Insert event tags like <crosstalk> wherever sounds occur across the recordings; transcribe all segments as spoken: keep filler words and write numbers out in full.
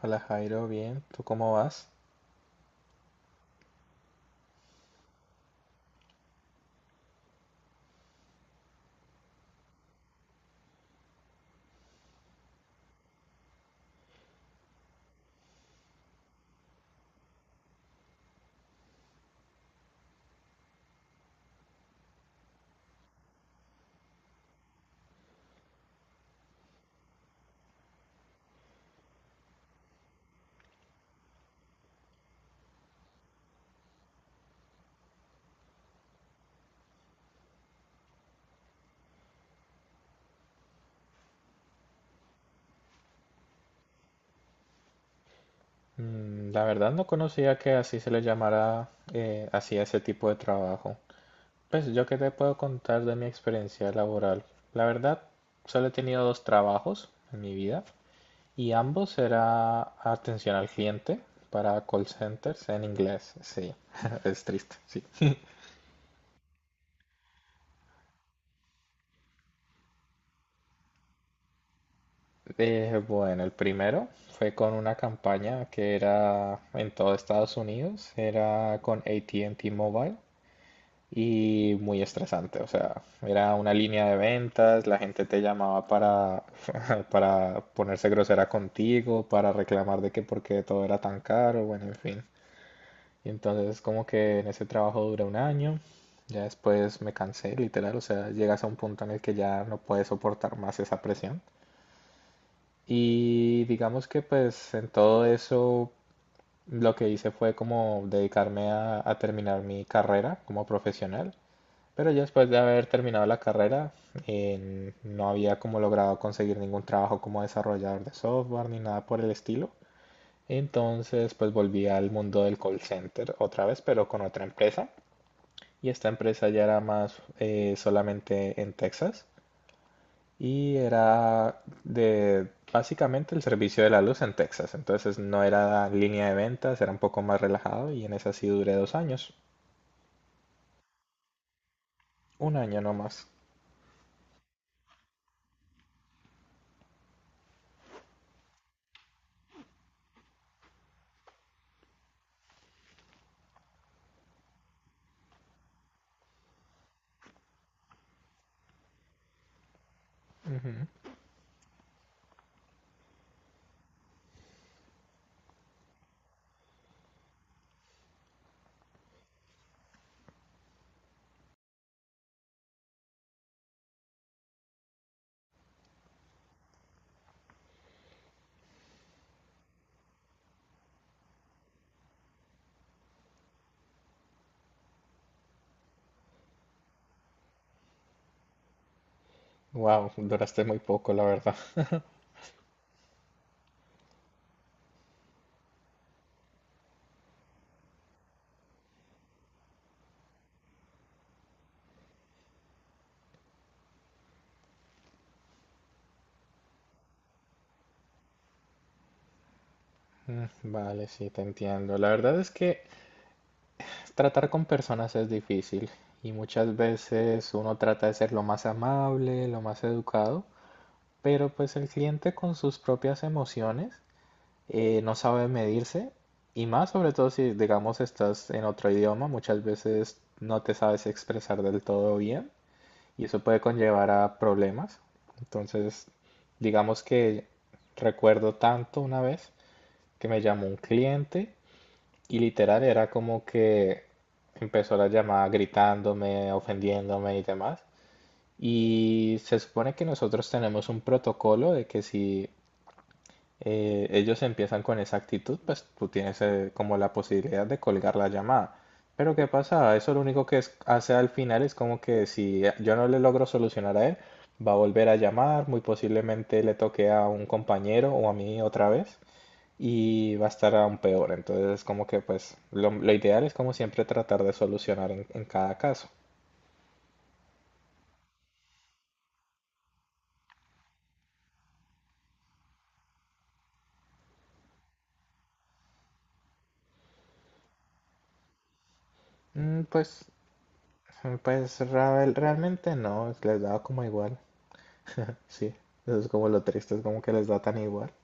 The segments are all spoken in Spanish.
Hola Jairo, bien, ¿tú cómo vas? Mm, la verdad no conocía que así se le llamara eh, así a ese tipo de trabajo. Pues yo qué te puedo contar de mi experiencia laboral. La verdad, solo he tenido dos trabajos en mi vida y ambos era atención al cliente para call centers en inglés. Sí, <laughs> es triste, sí. Eh, bueno, el primero fue con una campaña que era en todo Estados Unidos, era con A T and T Mobile y muy estresante. O sea, era una línea de ventas, la gente te llamaba para, <laughs> para ponerse grosera contigo, para reclamar de que porque todo era tan caro, bueno, en fin. Y entonces como que en ese trabajo duré un año, ya después me cansé, literal, o sea, llegas a un punto en el que ya no puedes soportar más esa presión. Y digamos que pues en todo eso lo que hice fue como dedicarme a, a terminar mi carrera como profesional. Pero ya después de haber terminado la carrera, eh, no había como logrado conseguir ningún trabajo como desarrollador de software ni nada por el estilo. Entonces, pues volví al mundo del call center otra vez, pero con otra empresa. Y esta empresa ya era más eh, solamente en Texas y era de básicamente el servicio de la luz en Texas. Entonces no era línea de ventas, era un poco más relajado y en esa sí duré dos años. Un año nomás. Wow, duraste muy poco, la verdad. Mm, vale, sí, te entiendo. La verdad es que tratar con personas es difícil y muchas veces uno trata de ser lo más amable, lo más educado, pero pues el cliente con sus propias emociones eh, no sabe medirse y más sobre todo si digamos estás en otro idioma, muchas veces no te sabes expresar del todo bien y eso puede conllevar a problemas. Entonces, digamos que recuerdo tanto una vez que me llamó un cliente. Y literal era como que empezó la llamada gritándome, ofendiéndome y demás. Y se supone que nosotros tenemos un protocolo de que si eh, ellos empiezan con esa actitud, pues tú tienes eh, como la posibilidad de colgar la llamada. Pero ¿qué pasa? Eso lo único que es- hace al final es como que si yo no le logro solucionar a él, va a volver a llamar, muy posiblemente le toque a un compañero o a mí otra vez y va a estar aún peor. Entonces, es como que pues lo, lo ideal es como siempre tratar de solucionar en, en cada caso. Mm, pues, pues real- realmente no, les da como igual. <laughs> Sí, eso es como lo triste, es como que les da tan igual. <laughs>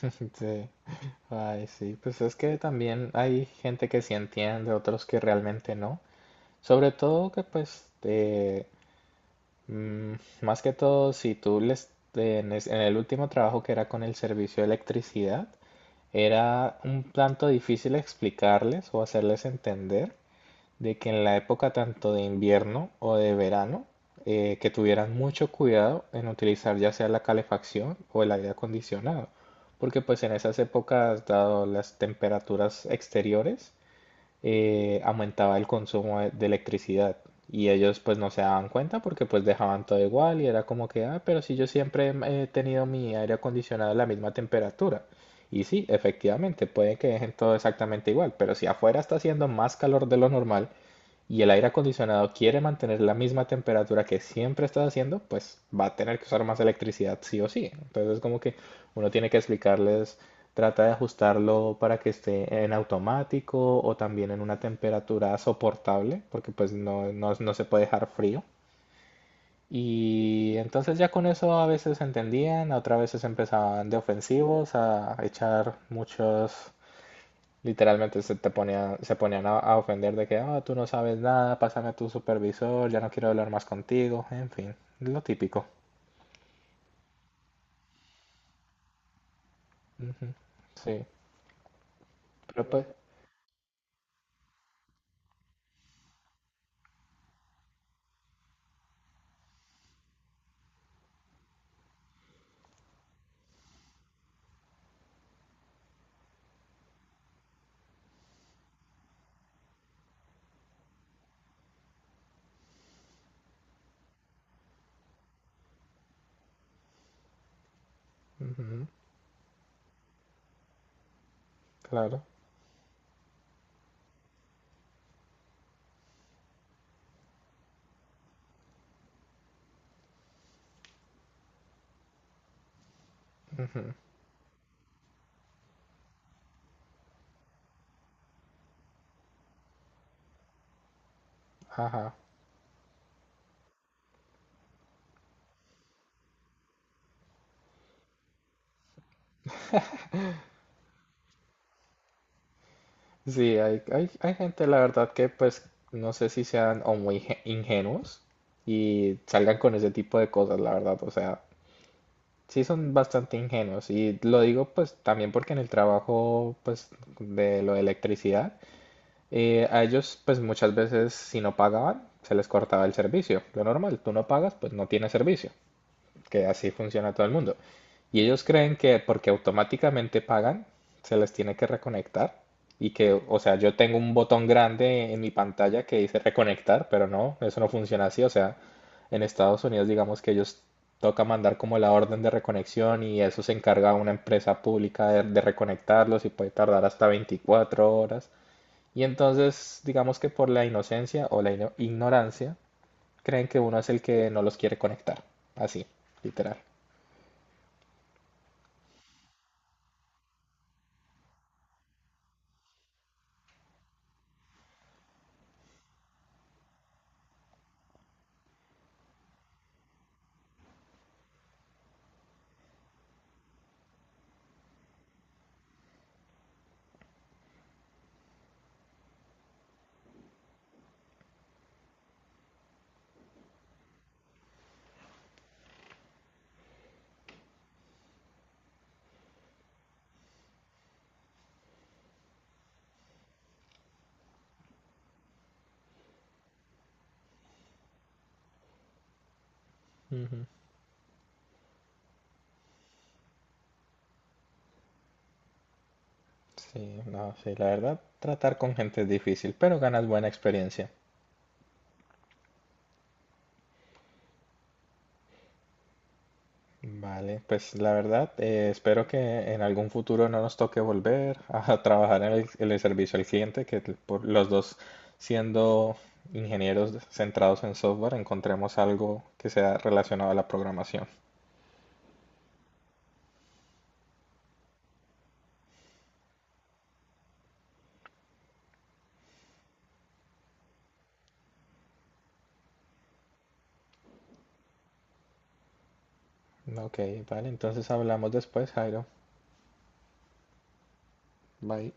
Sí. Ay, sí, pues es que también hay gente que sí entiende, otros que realmente no. Sobre todo que pues eh, mm, más que todo si tú les en es- en el último trabajo que era con el servicio de electricidad. Era un tanto difícil explicarles o hacerles entender de que en la época tanto de invierno o de verano, eh, que tuvieran mucho cuidado en utilizar ya sea la calefacción o el aire acondicionado, porque pues en esas épocas, dado las temperaturas exteriores, eh, aumentaba el consumo de de electricidad. Y ellos pues no se daban cuenta porque pues dejaban todo igual y era como que, ah, pero si yo siempre he tenido mi aire acondicionado a la misma temperatura. Y sí, efectivamente, puede que dejen todo exactamente igual, pero si afuera está haciendo más calor de lo normal, y el aire acondicionado quiere mantener la misma temperatura que siempre está haciendo, pues va a tener que usar más electricidad sí o sí. Entonces como que uno tiene que explicarles, trata de ajustarlo para que esté en automático o también en una temperatura soportable, porque pues no, no, no se puede dejar frío. Y entonces ya con eso a veces entendían, a otras veces empezaban de ofensivos a echar muchos. Literalmente se te ponía, se ponían a, a ofender de que, "Ah, tú no sabes nada, pásame a tu supervisor, ya no quiero hablar más contigo, en fin", lo típico. Ujú, sí, pero pues, ujú, claro, ajá. Sí, hay, hay, hay gente, la verdad, que pues no sé si sean o muy inge- ingenuos y salgan con ese tipo de cosas, la verdad, o sea, sí son bastante ingenuos y lo digo pues también porque en el trabajo pues de lo de electricidad. Eh, a ellos, pues muchas veces, si no pagaban, se les cortaba el servicio. Lo normal, tú no pagas, pues no tienes servicio, que así funciona todo el mundo. Y ellos creen que porque automáticamente pagan, se les tiene que reconectar y que, o sea, yo tengo un botón grande en mi pantalla que dice reconectar, pero no, eso no funciona así. O sea, en Estados Unidos, digamos que ellos toca mandar como la orden de reconexión y eso se encarga una empresa pública de, de reconectarlos y puede tardar hasta veinticuatro horas. Y entonces, digamos que por la inocencia o la ino- ignorancia, creen que uno es el que no los quiere conectar. Así, literal. Ujú. Sí, no, sí, la verdad, tratar con gente es difícil, pero ganas buena experiencia. Vale, pues la verdad, eh, espero que en algún futuro no nos toque volver a <laughs> trabajar en el, en el servicio al cliente, que por los dos siendo ingenieros centrados en software, encontremos algo que sea relacionado a la programación. Ok, vale, entonces hablamos después, Jairo. Bye.